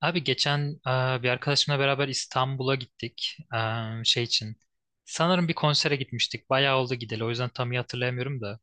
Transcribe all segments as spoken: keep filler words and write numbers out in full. Abi geçen e, bir arkadaşımla beraber İstanbul'a gittik. E, şey için. Sanırım bir konsere gitmiştik. Bayağı oldu gideli. O yüzden tam iyi hatırlayamıyorum da.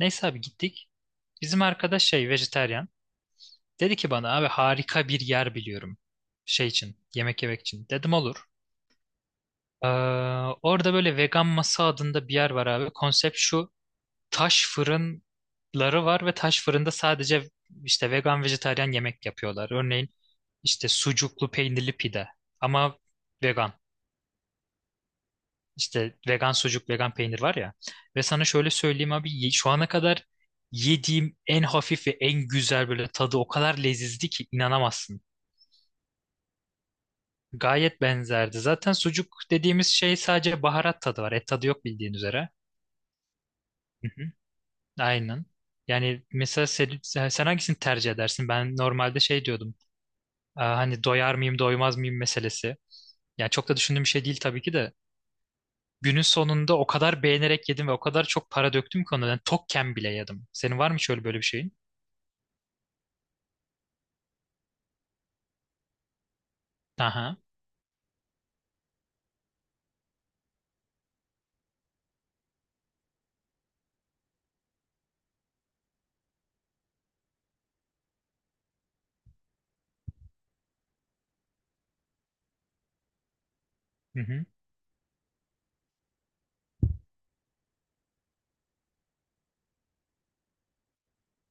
Neyse abi gittik. Bizim arkadaş şey vejetaryen. Dedi ki bana abi harika bir yer biliyorum. Şey için. Yemek yemek için. Dedim olur. E, orada böyle vegan masa adında bir yer var abi. Konsept şu, taş fırınları var ve taş fırında sadece işte vegan vejetaryen yemek yapıyorlar. Örneğin işte sucuklu peynirli pide ama vegan. İşte vegan sucuk, vegan peynir var ya. Ve sana şöyle söyleyeyim abi, ye- şu ana kadar yediğim en hafif ve en güzel, böyle tadı o kadar lezizdi ki inanamazsın. Gayet benzerdi. Zaten sucuk dediğimiz şey, sadece baharat tadı var. Et tadı yok bildiğin üzere. Hı hı, aynen. Yani mesela sen, sen hangisini tercih edersin? Ben normalde şey diyordum. Ee, hani doyar mıyım doymaz mıyım meselesi. Yani çok da düşündüğüm bir şey değil tabii ki de. Günün sonunda o kadar beğenerek yedim ve o kadar çok para döktüm ki ona. Yani tokken bile yedim. Senin var mı şöyle böyle bir şeyin? Aha. Hı hı.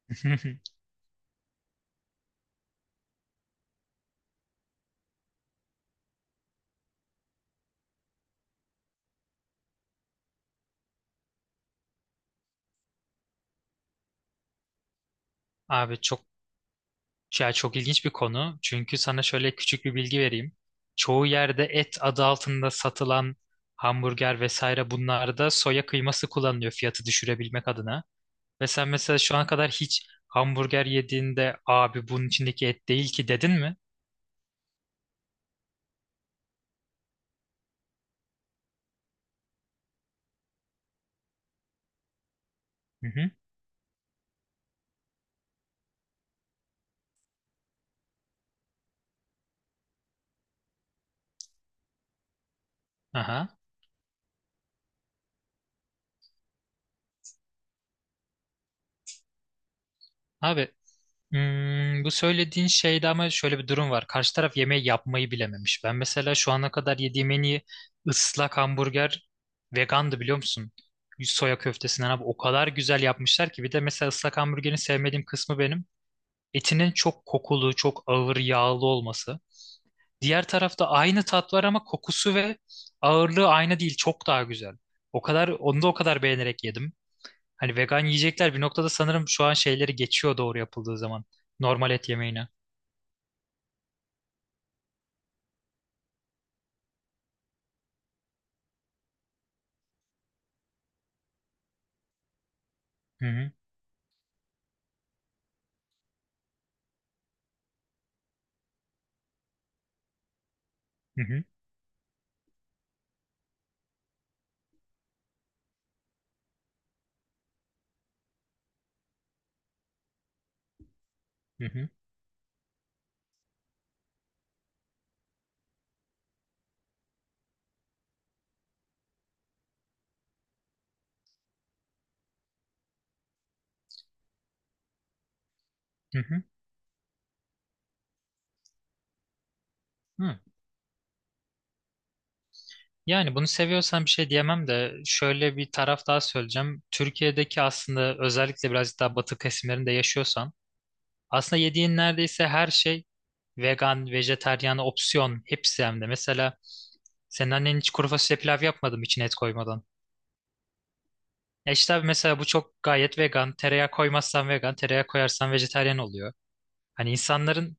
Abi çok, ya çok ilginç bir konu. Çünkü sana şöyle küçük bir bilgi vereyim. Çoğu yerde et adı altında satılan hamburger vesaire, bunlarda soya kıyması kullanılıyor, fiyatı düşürebilmek adına. Ve sen mesela şu ana kadar hiç hamburger yediğinde, abi bunun içindeki et değil ki, dedin mi? Aha. Abi, hmm, bu söylediğin şeyde ama şöyle bir durum var. Karşı taraf yemeği yapmayı bilememiş. Ben mesela şu ana kadar yediğim en iyi ıslak hamburger vegandı, biliyor musun? Soya köftesinden abi o kadar güzel yapmışlar ki. Bir de mesela ıslak hamburgerin sevmediğim kısmı benim, etinin çok kokulu, çok ağır, yağlı olması. Diğer tarafta aynı tat var ama kokusu ve ağırlığı aynı değil. Çok daha güzel. O kadar, onu da o kadar beğenerek yedim. Hani vegan yiyecekler bir noktada sanırım şu an şeyleri geçiyor, doğru yapıldığı zaman. Normal et yemeğine. Hı hı hı hı hı hı. Hı hı, hı. Yani bunu seviyorsan bir şey diyemem de şöyle bir taraf daha söyleyeceğim. Türkiye'deki, aslında özellikle birazcık daha batı kesimlerinde yaşıyorsan, aslında yediğin neredeyse her şey vegan, vejeteryan opsiyon hepsi hem de. Mesela senin annen hiç kuru fasulye pilav yapmadım içine et koymadan. E işte abi, mesela bu çok gayet vegan. Tereyağı koymazsan vegan, tereyağı koyarsan vejeteryan oluyor. Hani insanların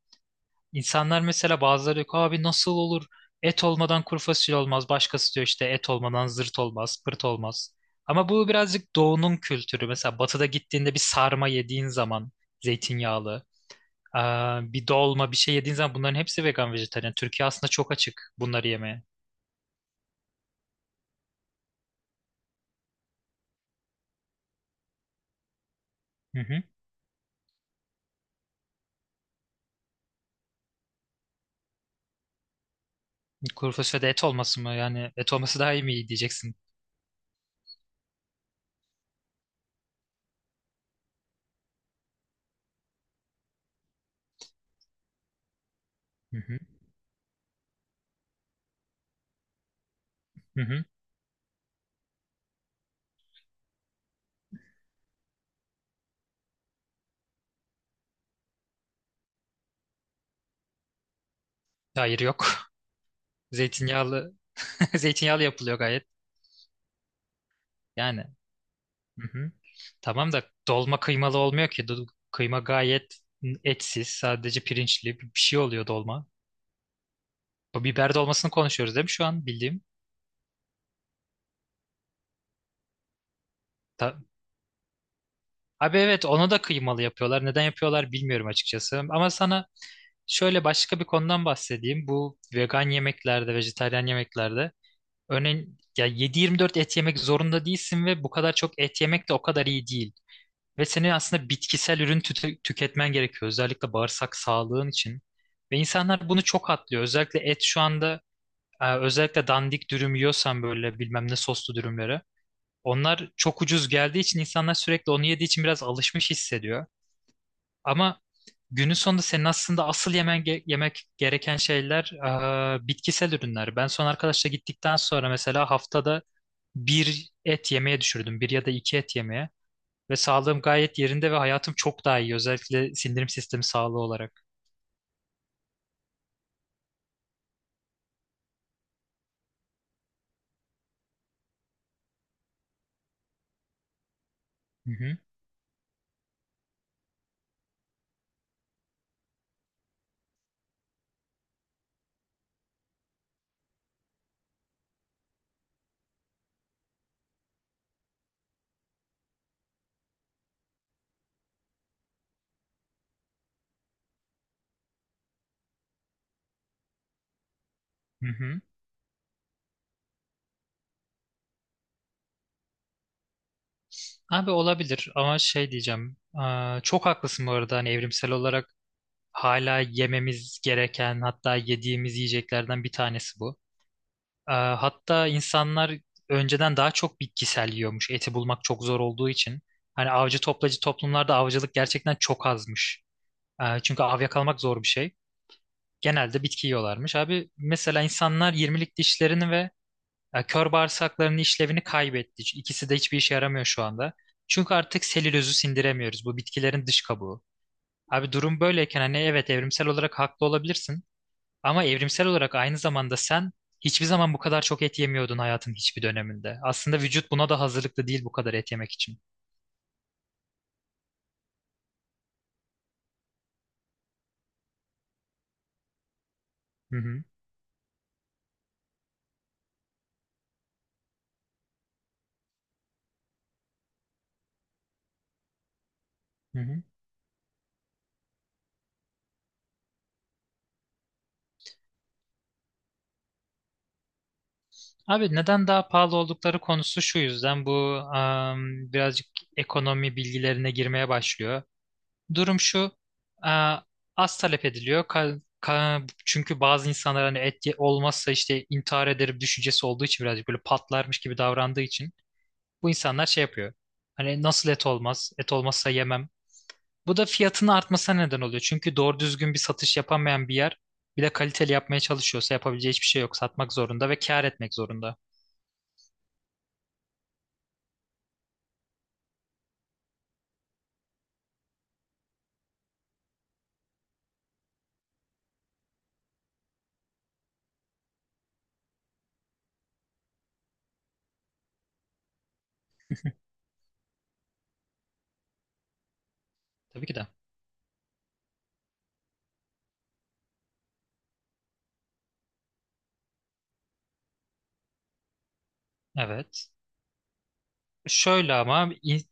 insanlar mesela, bazıları yok abi nasıl olur? Et olmadan kuru fasulye olmaz. Başkası diyor işte et olmadan zırt olmaz, pırt olmaz. Ama bu birazcık doğunun kültürü. Mesela batıda gittiğinde bir sarma yediğin zaman, zeytinyağlı, aa, bir dolma bir şey yediğin zaman, bunların hepsi vegan vejetaryen. Türkiye aslında çok açık bunları yemeye. Hı hı. Kuru fasulyede et olması mı? Yani et olması daha iyi mi, iyi diyeceksin. Hı hı. Hı hı. Hayır yok. Zeytinyağlı zeytinyağlı yapılıyor gayet. Yani. Hı hı. Tamam da dolma kıymalı olmuyor ki. Du- Kıyma gayet etsiz, sadece pirinçli bir bir şey oluyor dolma. Bu biber dolmasını konuşuyoruz değil mi şu an, bildiğim? Ta- Abi evet, onu da kıymalı yapıyorlar. Neden yapıyorlar bilmiyorum açıkçası. Ama sana şöyle başka bir konudan bahsedeyim. Bu vegan yemeklerde, vejetaryen yemeklerde, örneğin ya yedi yirmi dört et yemek zorunda değilsin ve bu kadar çok et yemek de o kadar iyi değil. Ve senin aslında bitkisel ürün tüte- tüketmen gerekiyor. Özellikle bağırsak sağlığın için. Ve insanlar bunu çok atlıyor. Özellikle et şu anda, e, özellikle dandik dürüm yiyorsan, böyle bilmem ne soslu dürümleri. Onlar çok ucuz geldiği için, insanlar sürekli onu yediği için, biraz alışmış hissediyor. Ama günün sonunda senin aslında asıl yemen ge- yemek gereken şeyler, e, bitkisel ürünler. Ben son arkadaşla gittikten sonra mesela haftada bir et yemeye düşürdüm. Bir ya da iki et yemeye. Ve sağlığım gayet yerinde ve hayatım çok daha iyi. Özellikle sindirim sistemi sağlığı olarak. Hı hı, hı hı. Abi olabilir ama şey diyeceğim. Aa, çok haklısın bu arada. Hani evrimsel olarak hala yememiz gereken, hatta yediğimiz yiyeceklerden bir tanesi bu. Aa, hatta insanlar önceden daha çok bitkisel yiyormuş, eti bulmak çok zor olduğu için. Hani avcı toplacı toplumlarda avcılık gerçekten çok azmış. Aa, çünkü av yakalamak zor bir şey. Genelde bitki yiyorlarmış. Abi mesela insanlar yirmilik dişlerini ve E, kör bağırsaklarının işlevini kaybetti. İkisi de hiçbir işe yaramıyor şu anda. Çünkü artık selülozu sindiremiyoruz. Bu bitkilerin dış kabuğu. Abi durum böyleyken, hani evet evrimsel olarak haklı olabilirsin. Ama evrimsel olarak aynı zamanda sen hiçbir zaman bu kadar çok et yemiyordun hayatın hiçbir döneminde. Aslında vücut buna da hazırlıklı değil bu kadar et yemek için. Hı hı, hı hı. Abi neden daha pahalı oldukları konusu şu yüzden, bu am, birazcık ekonomi bilgilerine girmeye başlıyor. Durum şu, e, az talep ediliyor. Ka- ka- çünkü bazı insanlar hani et ye- olmazsa işte intihar ederim düşüncesi olduğu için, birazcık böyle patlarmış gibi davrandığı için, bu insanlar şey yapıyor. Hani nasıl et olmaz, et olmazsa yemem, bu da fiyatının artmasına neden oluyor. Çünkü doğru düzgün bir satış yapamayan bir yer, bir de kaliteli yapmaya çalışıyorsa yapabileceği hiçbir şey yok. Satmak zorunda ve kâr etmek zorunda. Tabii ki de. Evet. Şöyle ama in-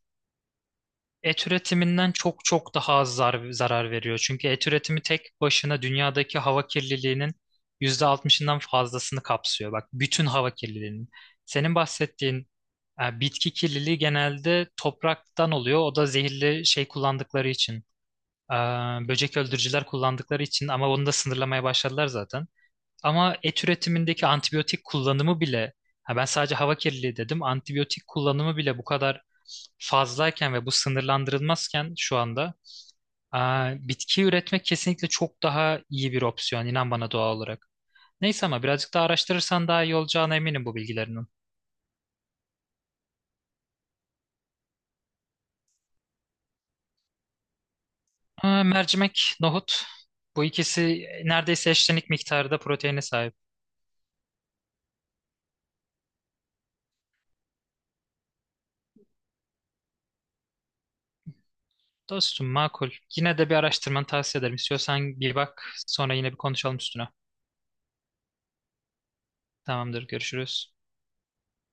Et üretiminden çok çok daha az zar zarar veriyor. Çünkü et üretimi tek başına dünyadaki hava kirliliğinin yüzde altmışından fazlasını kapsıyor. Bak, bütün hava kirliliğinin. Senin bahsettiğin e, bitki kirliliği genelde topraktan oluyor. O da zehirli şey kullandıkları için. e, böcek öldürücüler kullandıkları için, ama onu da sınırlamaya başladılar zaten. Ama et üretimindeki antibiyotik kullanımı bile, ha ben sadece hava kirliliği dedim, antibiyotik kullanımı bile bu kadar fazlayken ve bu sınırlandırılmazken şu anda, aa, bitki üretmek kesinlikle çok daha iyi bir opsiyon, inan bana, doğal olarak. Neyse, ama birazcık daha araştırırsan daha iyi olacağına eminim bu bilgilerinin. Aa, mercimek, nohut, bu ikisi neredeyse eşlenik miktarda proteine sahip. Dostum makul. Yine de bir araştırmanı tavsiye ederim. İstiyorsan bir bak, sonra yine bir konuşalım üstüne. Tamamdır, görüşürüz.